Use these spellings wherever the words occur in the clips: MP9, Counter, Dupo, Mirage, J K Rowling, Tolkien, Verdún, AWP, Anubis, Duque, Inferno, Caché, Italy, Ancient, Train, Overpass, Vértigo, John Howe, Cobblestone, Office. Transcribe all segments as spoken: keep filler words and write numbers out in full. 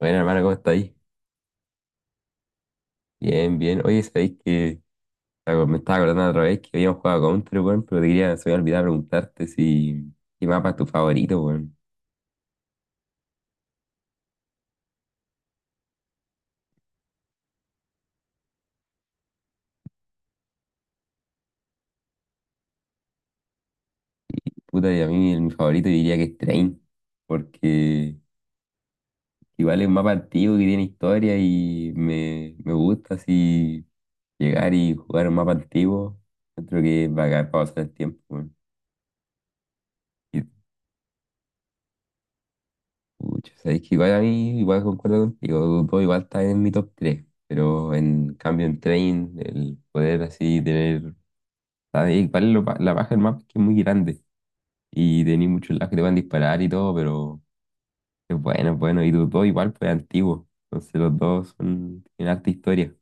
Bueno, hermano, ¿cómo está ahí? Bien, bien. Oye, sabéis que estaba- me estaba acordando otra vez que habíamos jugado a Counter, weón, pero te quería, se me había olvidado preguntarte si qué mapa es tu favorito, weón. Puta, y a mí el- mi favorito diría que es Train, porque igual es un mapa antiguo que tiene historia y me, me gusta así llegar y jugar un mapa antiguo. Creo que es bacán para pasar el tiempo, weón. Pucha, sabéis que igual a mí, igual concuerdo contigo, Dupo igual está en mi top tres pero en cambio en Train, el poder así tener, ¿sabéis? Igual lo pa- la baja del mapa es que es muy grande y tenéis muchos lados que te van a disparar y todo, pero es bueno, es bueno, y Dupo igual fue antiguo, entonces los dos son, tienen harta historia.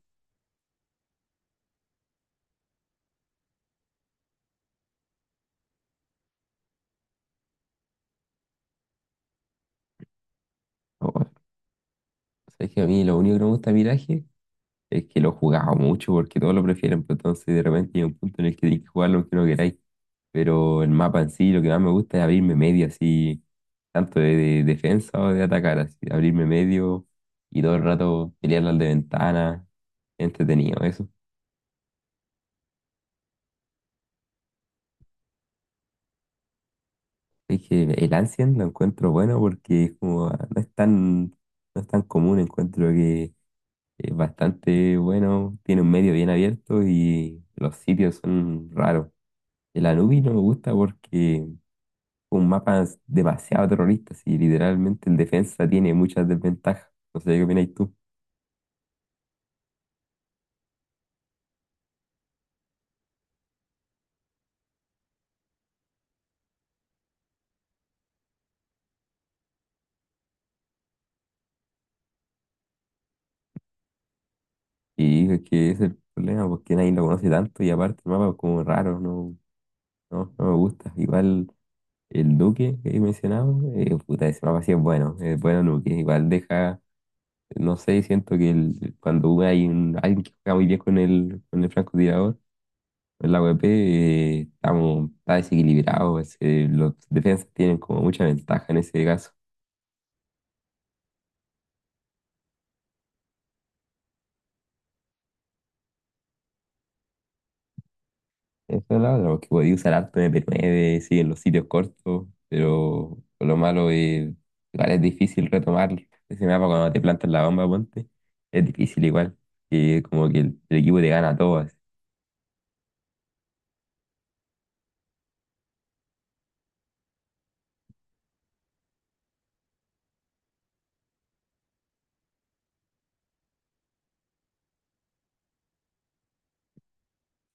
Oh, sabéis que a mí lo único que no me gusta de Mirage es que lo jugaba mucho porque todos lo prefieren, pero entonces de repente llega un punto en el que tenéis que jugarlo aunque no queráis. Pero el mapa en sí, lo que más me gusta es abrirme medio así, tanto de, de defensa o de atacar, así, abrirme medio y todo el rato pelear las de ventana, entretenido eso. Es que el Ancient lo encuentro bueno porque es como, ah, no es tan, no es tan común, encuentro que es bastante bueno, tiene un medio bien abierto y los sitios son raros. El Anubis no me gusta porque es un mapa demasiado terrorista, y literalmente el defensa tiene muchas desventajas. No sé qué opináis tú. Y es que ese es el problema, porque nadie lo conoce tanto y aparte el mapa es como raro, no, no, no me gusta. Igual el Duque que he mencionado, eh, puta, ese mapa sí es bueno, es bueno Duque. Igual deja, no sé, siento que el- cuando hay un, alguien que juega muy bien con el, con el francotirador, en la A W P, eh, estamos, está desequilibrado, ese- los defensas tienen como mucha ventaja en ese caso. Eso es la otra, porque podía usar harto M P nueve, sí, en los sitios cortos, pero lo malo es, igual es difícil retomar ese mapa cuando te plantas la bomba, ponte. Es difícil igual, que como que el, el equipo te gana a todas.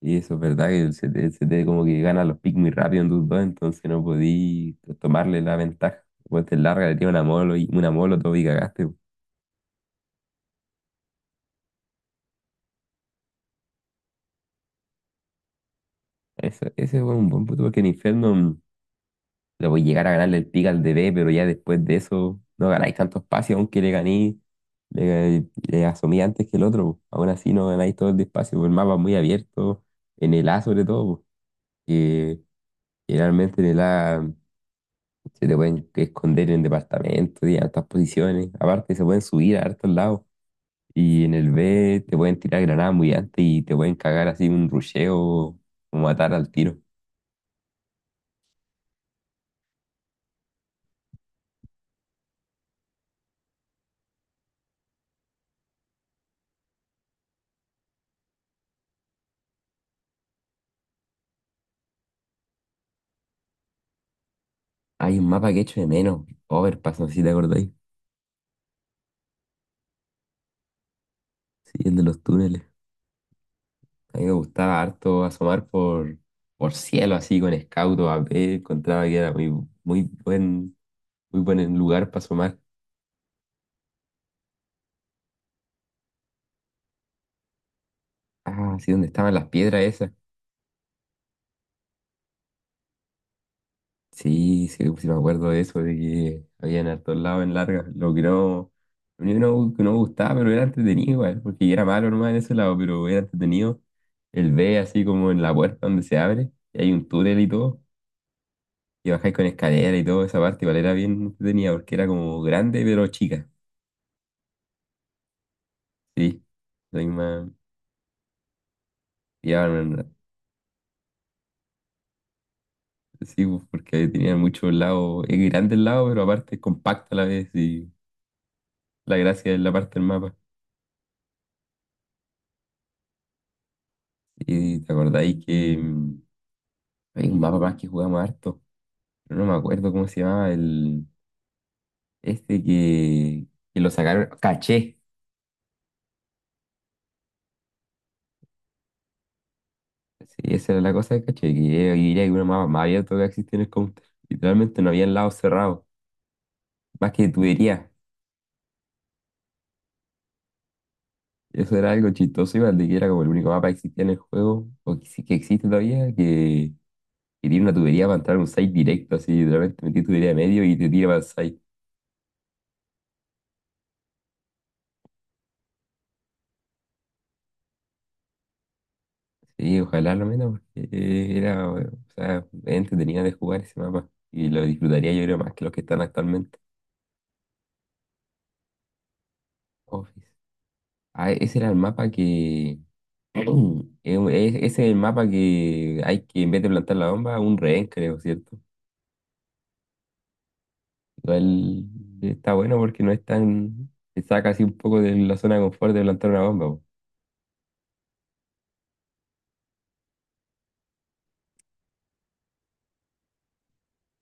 Y eso es verdad, que se te, se te como que gana los picks muy rápido en tus dos, entonces no podí tomarle la ventaja. Pues te larga, le tiras una molo y una molo todo y cagaste, pues. Eso, ese fue un buen punto, porque en Inferno mm, le voy a llegar a ganarle el pick al D B pero ya después de eso no ganáis tanto espacio, aunque le ganéis. Le, le asomé antes que el otro, po. Aún así no ganáis todo el despacio, po. El mapa es muy abierto, en el A sobre todo, po, que generalmente en el A se te pueden esconder en departamentos y en altas posiciones. Aparte se pueden subir a hartos lados. Y en el B te pueden tirar granadas muy antes y te pueden cagar así un rusheo o matar al tiro. Hay un mapa que echo de menos, Overpass, no sé si te acordáis. Sí, el de los túneles. A mí me gustaba harto asomar por, por cielo así con escauto a ver, encontraba que era muy, muy buen, muy buen lugar para asomar. Ah, sí, donde estaban las piedras esas. Sí, sí, sí me acuerdo de eso, de que había en hartos lados en largas. Lo que no, lo único que no, que no me gustaba, pero era entretenido igual, porque yo era malo nomás en ese lado, pero era entretenido. El B así como en la puerta donde se abre, y hay un túnel y todo, y bajáis con escalera y todo, esa parte igual era bien entretenida, porque era como grande pero chica. Sí, la misma. Llevaban, sí, pues, porque tenían muchos lados. Es grande el lado, pero aparte es compacto a la vez. Y la gracia es la parte del mapa. Y te acordáis que mm, hay un mapa más que jugamos harto. Pero no me acuerdo cómo se llamaba el. Este que, que lo sacaron. Caché. Sí, esa era la cosa de caché. Que era, que era uno mapa más abierto que existía en el counter. Literalmente no había lados cerrados. Más que tuberías. Y eso era algo chistoso, igual de que era como el único mapa que existía en el juego, o que, sí que existe todavía, que, que tiene una tubería para entrar a un site directo, así, literalmente metí tubería de medio y te tira para el site. Sí, ojalá lo menos, porque eh, era, o sea, entretenida de jugar ese mapa. Y lo disfrutaría yo creo más que los que están actualmente. Office. Ah, ese era el mapa que... es- Ese es el mapa que hay que, en vez de plantar la bomba, un rehén, creo, ¿cierto? Igual está bueno porque no es tan. Te saca así un poco de la zona de confort de plantar una bomba, po.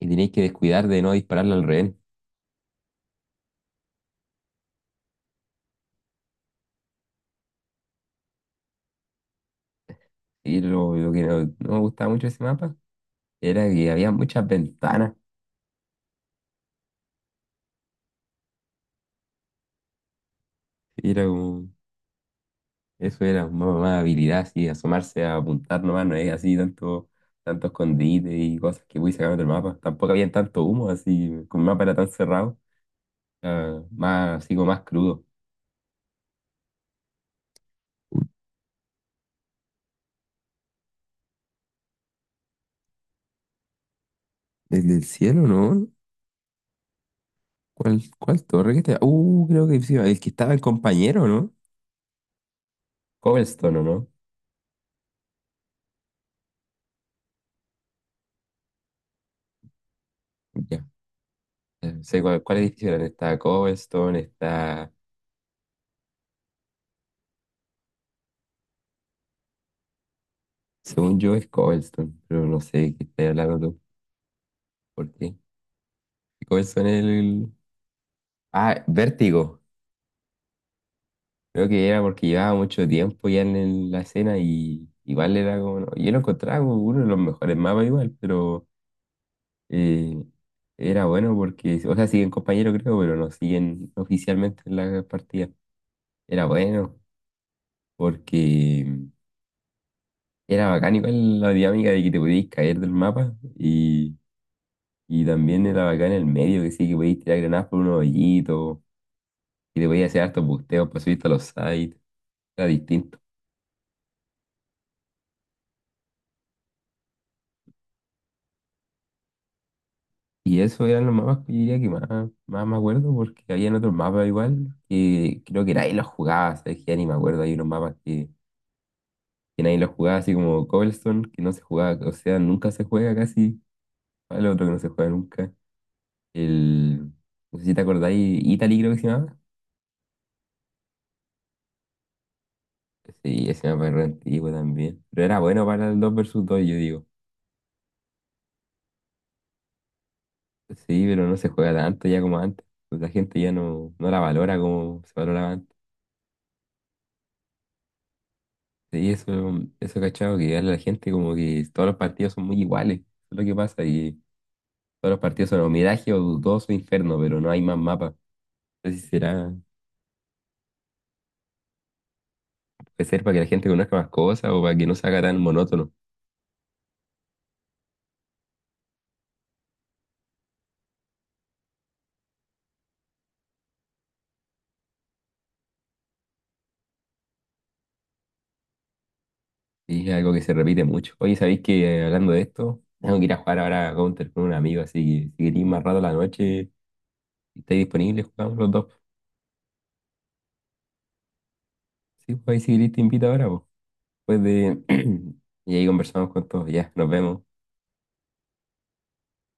Y tenéis que descuidar de no dispararla al rehén. Y lo, lo que no, no me gustaba mucho de ese mapa era que había muchas ventanas. Y era como. Eso era más, más habilidad, así, asomarse a apuntar nomás, no es así tanto, tanto escondite y cosas que voy sacar del mapa. Tampoco había tanto humo, así, como el mapa era tan cerrado, era más, así como más crudo. Desde el cielo, ¿no? ¿Cuál, cuál torre que te... Uh, creo que sí, el que estaba el compañero, ¿no? Cobblestone, ¿o no? Ya, eh, sé cuál, cuál edificio eran. Está Cobblestone, está... Según yo es Cobblestone, pero no sé qué estás hablando tú. ¿Por qué? Cobblestone es el... el- Ah, Vértigo. Creo que era porque llevaba mucho tiempo ya en el- la escena y igual era como... No, yo lo encontraba como uno de los mejores mapas igual, pero... eh, era bueno porque... O sea, siguen compañeros creo, pero no siguen oficialmente en la partida. Era bueno, porque era bacán igual la dinámica de que te podías caer del mapa y, y también era bacán el medio, que sí, que podías tirar granadas por unos hoyitos y te podías hacer hartos busteos para subirte a los sites, era distinto. Y eso eran los mapas que yo diría que más, más me acuerdo porque había otros mapas igual que creo que nadie los jugaba, ¿sabes? Que ya ni me acuerdo, hay unos mapas que, que nadie los jugaba, así como Cobblestone, que no se jugaba, o sea, nunca se juega casi, el otro que no se juega nunca, el... No sé si te acordáis, Italy creo que se llamaba. Sí, ese mapa es re antiguo también. Pero era bueno para el dos versus dos yo digo. Sí, pero no se juega tanto ya como antes. Pues la gente ya no, no la valora como se valoraba antes. Sí, eso, eso cachado que a la gente como que todos los partidos son muy iguales. Eso es lo que pasa, y todos los partidos son o Mirage o Dudoso Inferno, pero no hay más mapas. No sé si será, puede ser para que la gente conozca más cosas o para que no se haga tan monótono. Y es algo que se repite mucho. Oye, ¿sabéis que eh, hablando de esto, tengo que ir a jugar ahora a Counter con un amigo, así que si queréis más rato a la noche. Si estáis disponibles, jugamos los dos. Sí, pues ahí si queréis te invito ahora, pues. Después de... Y ahí conversamos con todos, ya, nos vemos.